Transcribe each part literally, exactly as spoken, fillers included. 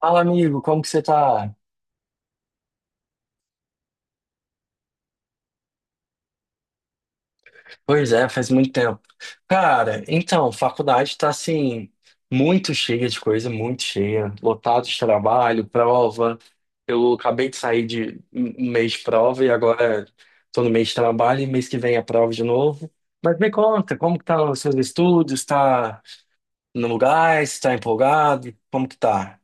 Fala, amigo, como que você tá? Pois é, faz muito tempo. Cara, então, faculdade tá assim, muito cheia de coisa, muito cheia, lotado de trabalho, prova. Eu acabei de sair de um um mês de prova e agora tô no mês de trabalho e mês que vem é prova de novo. Mas me conta, como que tá os seus estudos? Tá no lugar? Está empolgado? Como que tá?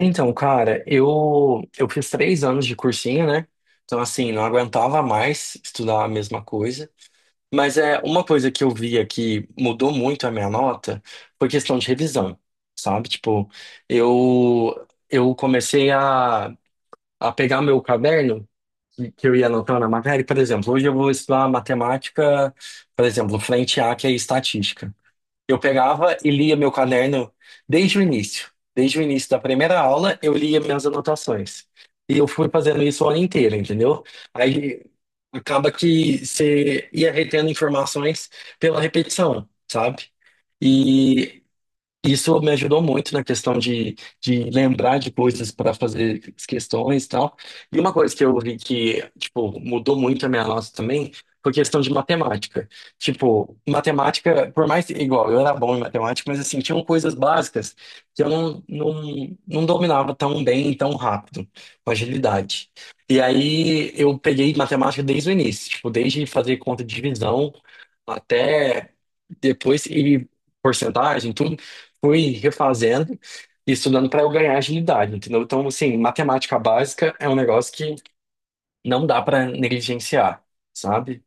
Então, cara, eu eu fiz três anos de cursinho, né? Então, assim, não aguentava mais estudar a mesma coisa. Mas é uma coisa que eu via que mudou muito a minha nota foi questão de revisão, sabe? Tipo, eu eu comecei a, a pegar meu caderno que que eu ia anotando a matéria. Por exemplo, hoje eu vou estudar matemática, por exemplo, frente A, que é estatística. Eu pegava e lia meu caderno desde o início. Desde o início da primeira aula, eu lia minhas anotações. E eu fui fazendo isso o ano inteiro, entendeu? Aí acaba que você ia retendo informações pela repetição, sabe? E isso me ajudou muito na questão de, de lembrar de coisas para fazer as questões e tal. E uma coisa que eu vi que, tipo, mudou muito a minha nota também foi questão de matemática. Tipo, matemática, por mais, igual, eu era bom em matemática, mas assim, tinham coisas básicas que eu não, não, não dominava tão bem, tão rápido, com agilidade. E aí eu peguei matemática desde o início, tipo, desde fazer conta de divisão até depois e porcentagem, tudo fui refazendo e estudando para eu ganhar agilidade, entendeu? Então, assim, matemática básica é um negócio que não dá para negligenciar, sabe?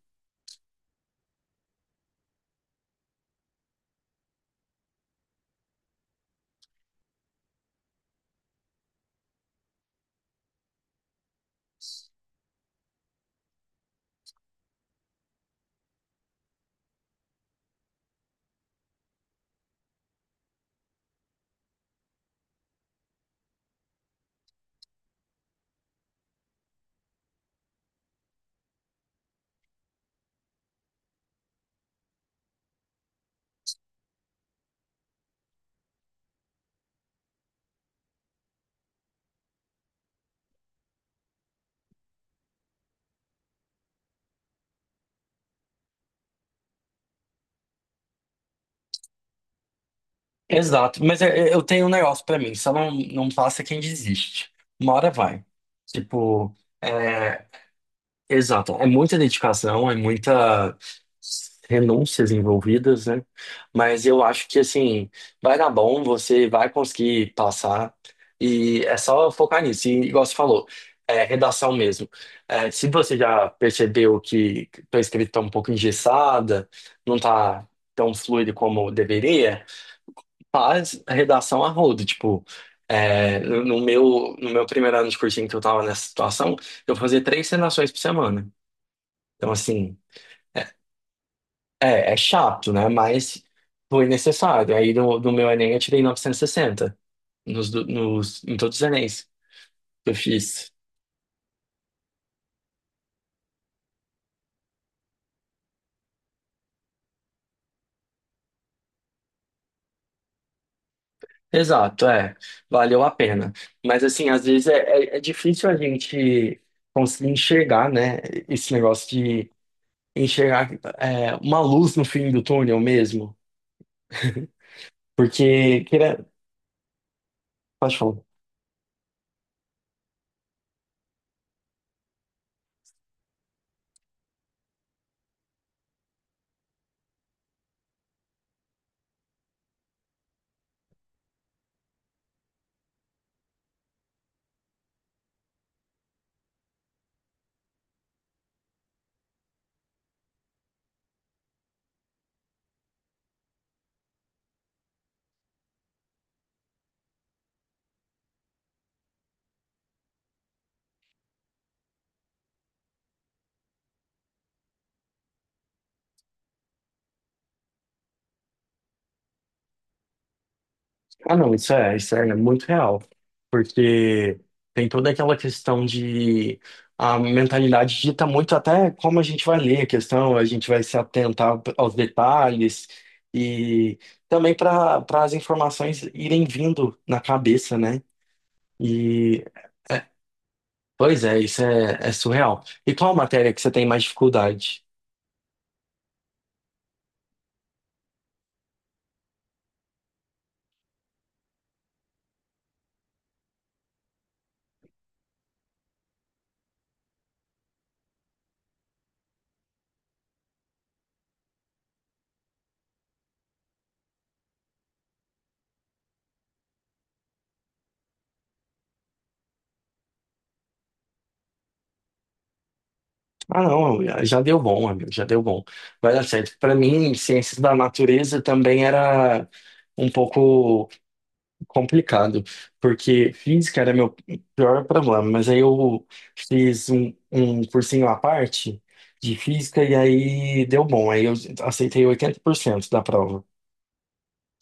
Exato, mas é- é- eu tenho um negócio para mim, só não, não passa quem desiste. Uma hora vai. Tipo, eh, Exato, é muita dedicação, é muita renúncias envolvidas, né? Mas eu acho que assim, vai dar bom, você vai conseguir passar e é só focar nisso. E igual você falou, é redação mesmo. É, se você já percebeu que tua escrita está um pouco engessada, não tá tão fluido como deveria, faz a redação a rodo, tipo, é, no no meu, no meu primeiro ano de cursinho que eu tava nessa situação, eu fazia três redações por semana. Então, assim, é, é é chato, né? Mas foi necessário. Aí no, no meu Enem eu tirei novecentos e sessenta, nos, do- nos, em todos os Enems que eu fiz. Exato, é. Valeu a pena. Mas, assim, às vezes é, é, é difícil a gente conseguir enxergar, né? Esse negócio de enxergar é, uma luz no fim do túnel mesmo. Porque, queira, pode falar. Ah, não, isso é, isso é muito real, porque tem toda aquela questão de a mentalidade dita muito até como a gente vai ler a questão, a gente vai se atentar aos detalhes e também para para as informações irem vindo na cabeça, né? E é, pois é, isso é, é surreal. E qual matéria que você tem mais dificuldade? Ah, não, já deu bom, amigo, já deu bom. Vai dar certo. Para mim, ciências da natureza também era um pouco complicado, porque física era meu pior problema, mas aí eu fiz um, um cursinho à parte de física e aí deu bom. Aí eu aceitei oitenta por cento da prova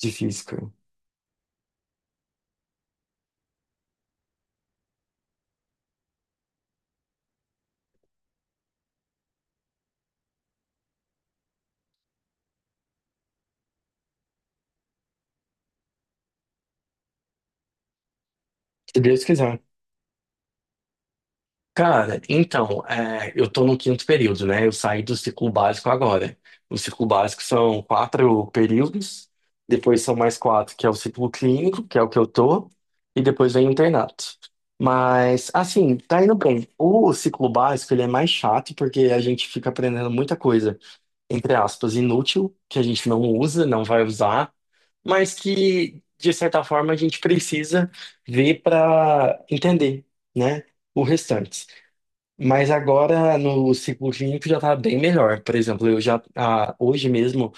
de física. Se Deus quiser. Cara, então, é, eu tô no quinto período, né? Eu saí do ciclo básico agora. O ciclo básico são quatro períodos, depois são mais quatro, que é o ciclo clínico, que é o que eu tô, e depois vem o internato. Mas, assim, tá indo bem. O ciclo básico, ele é mais chato, porque a gente fica aprendendo muita coisa, entre aspas, inútil, que a gente não usa, não vai usar, mas que, de certa forma, a gente precisa ver para entender, né? O restante. Mas agora no ciclo clínico já tá bem melhor. Por exemplo, eu já ah, hoje mesmo,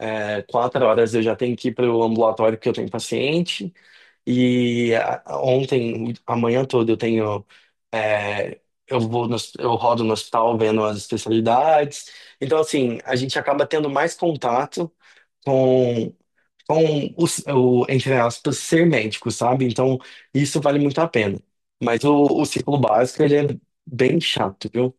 é, quatro horas eu já tenho que ir para o ambulatório porque eu tenho paciente. E ah, ontem, amanhã toda eu tenho, é, eu vou no, hos- eu rodo no hospital vendo as especialidades. Então assim, a gente acaba tendo mais contato com com o, s- o, entre aspas ser médico, sabe? Então isso vale muito a pena. Mas o, o ciclo básico ele é bem chato, viu?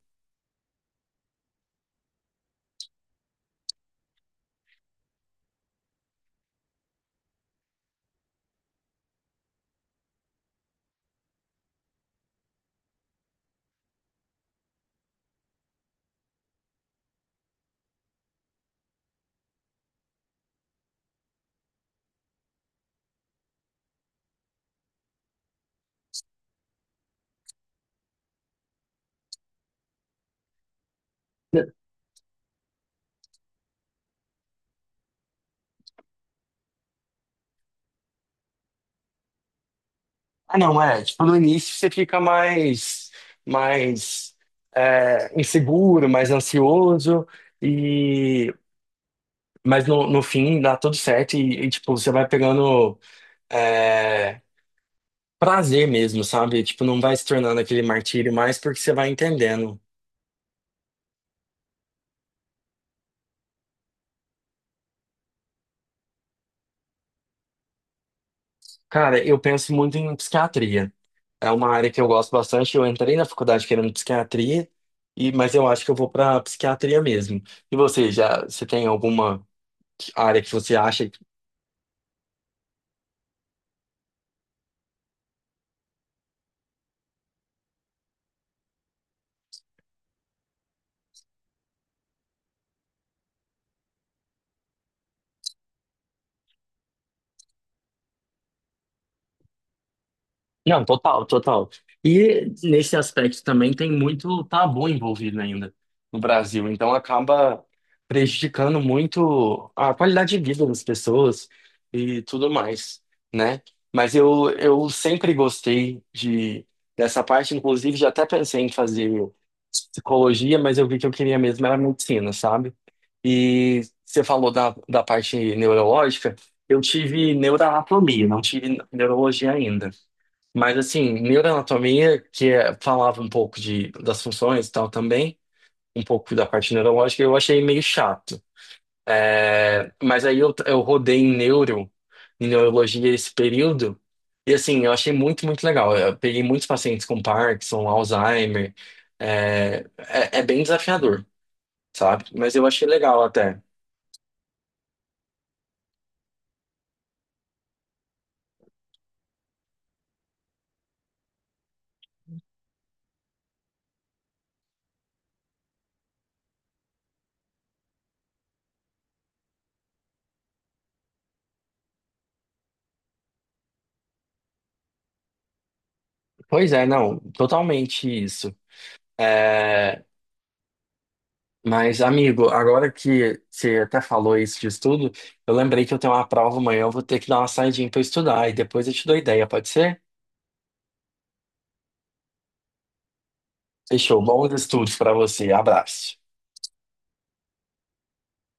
Ah, não, é. Tipo, no início você fica mais, mais é, inseguro, mais ansioso, e mas no, no fim dá tudo certo e, e, tipo, você vai pegando é, prazer mesmo, sabe? Tipo, não vai se tornando aquele martírio mais porque você vai entendendo. Cara, eu penso muito em psiquiatria. É uma área que eu gosto bastante. Eu entrei na faculdade querendo psiquiatria, e, mas eu acho que eu vou para psiquiatria mesmo. E você, já, você tem alguma área que você acha? Não, total, total. E nesse aspecto também tem muito tabu envolvido ainda no Brasil, então acaba prejudicando muito a qualidade de vida das pessoas e tudo mais, né? Mas eu, eu sempre gostei de dessa parte, inclusive já até pensei em fazer psicologia, mas eu vi que eu queria mesmo era medicina, sabe? E você falou da, da parte neurológica, eu tive neuroanatomia, não tive neurologia ainda. Mas assim, neuroanatomia, que é- falava um pouco de, das funções e tal também, um pouco da parte neurológica, eu achei meio chato. É, mas aí eu, eu rodei em neuro, em neurologia esse período, e assim, eu achei muito, muito legal. Eu peguei muitos pacientes com Parkinson, Alzheimer, é, é, é bem desafiador, sabe? Mas eu achei legal até. Pois é, não, totalmente isso. É, mas, amigo, agora que você até falou isso de estudo, eu lembrei que eu tenho uma prova amanhã, eu vou ter que dar uma saidinha para estudar e depois eu te dou ideia, pode ser? Fechou, bons estudos para você, abraço.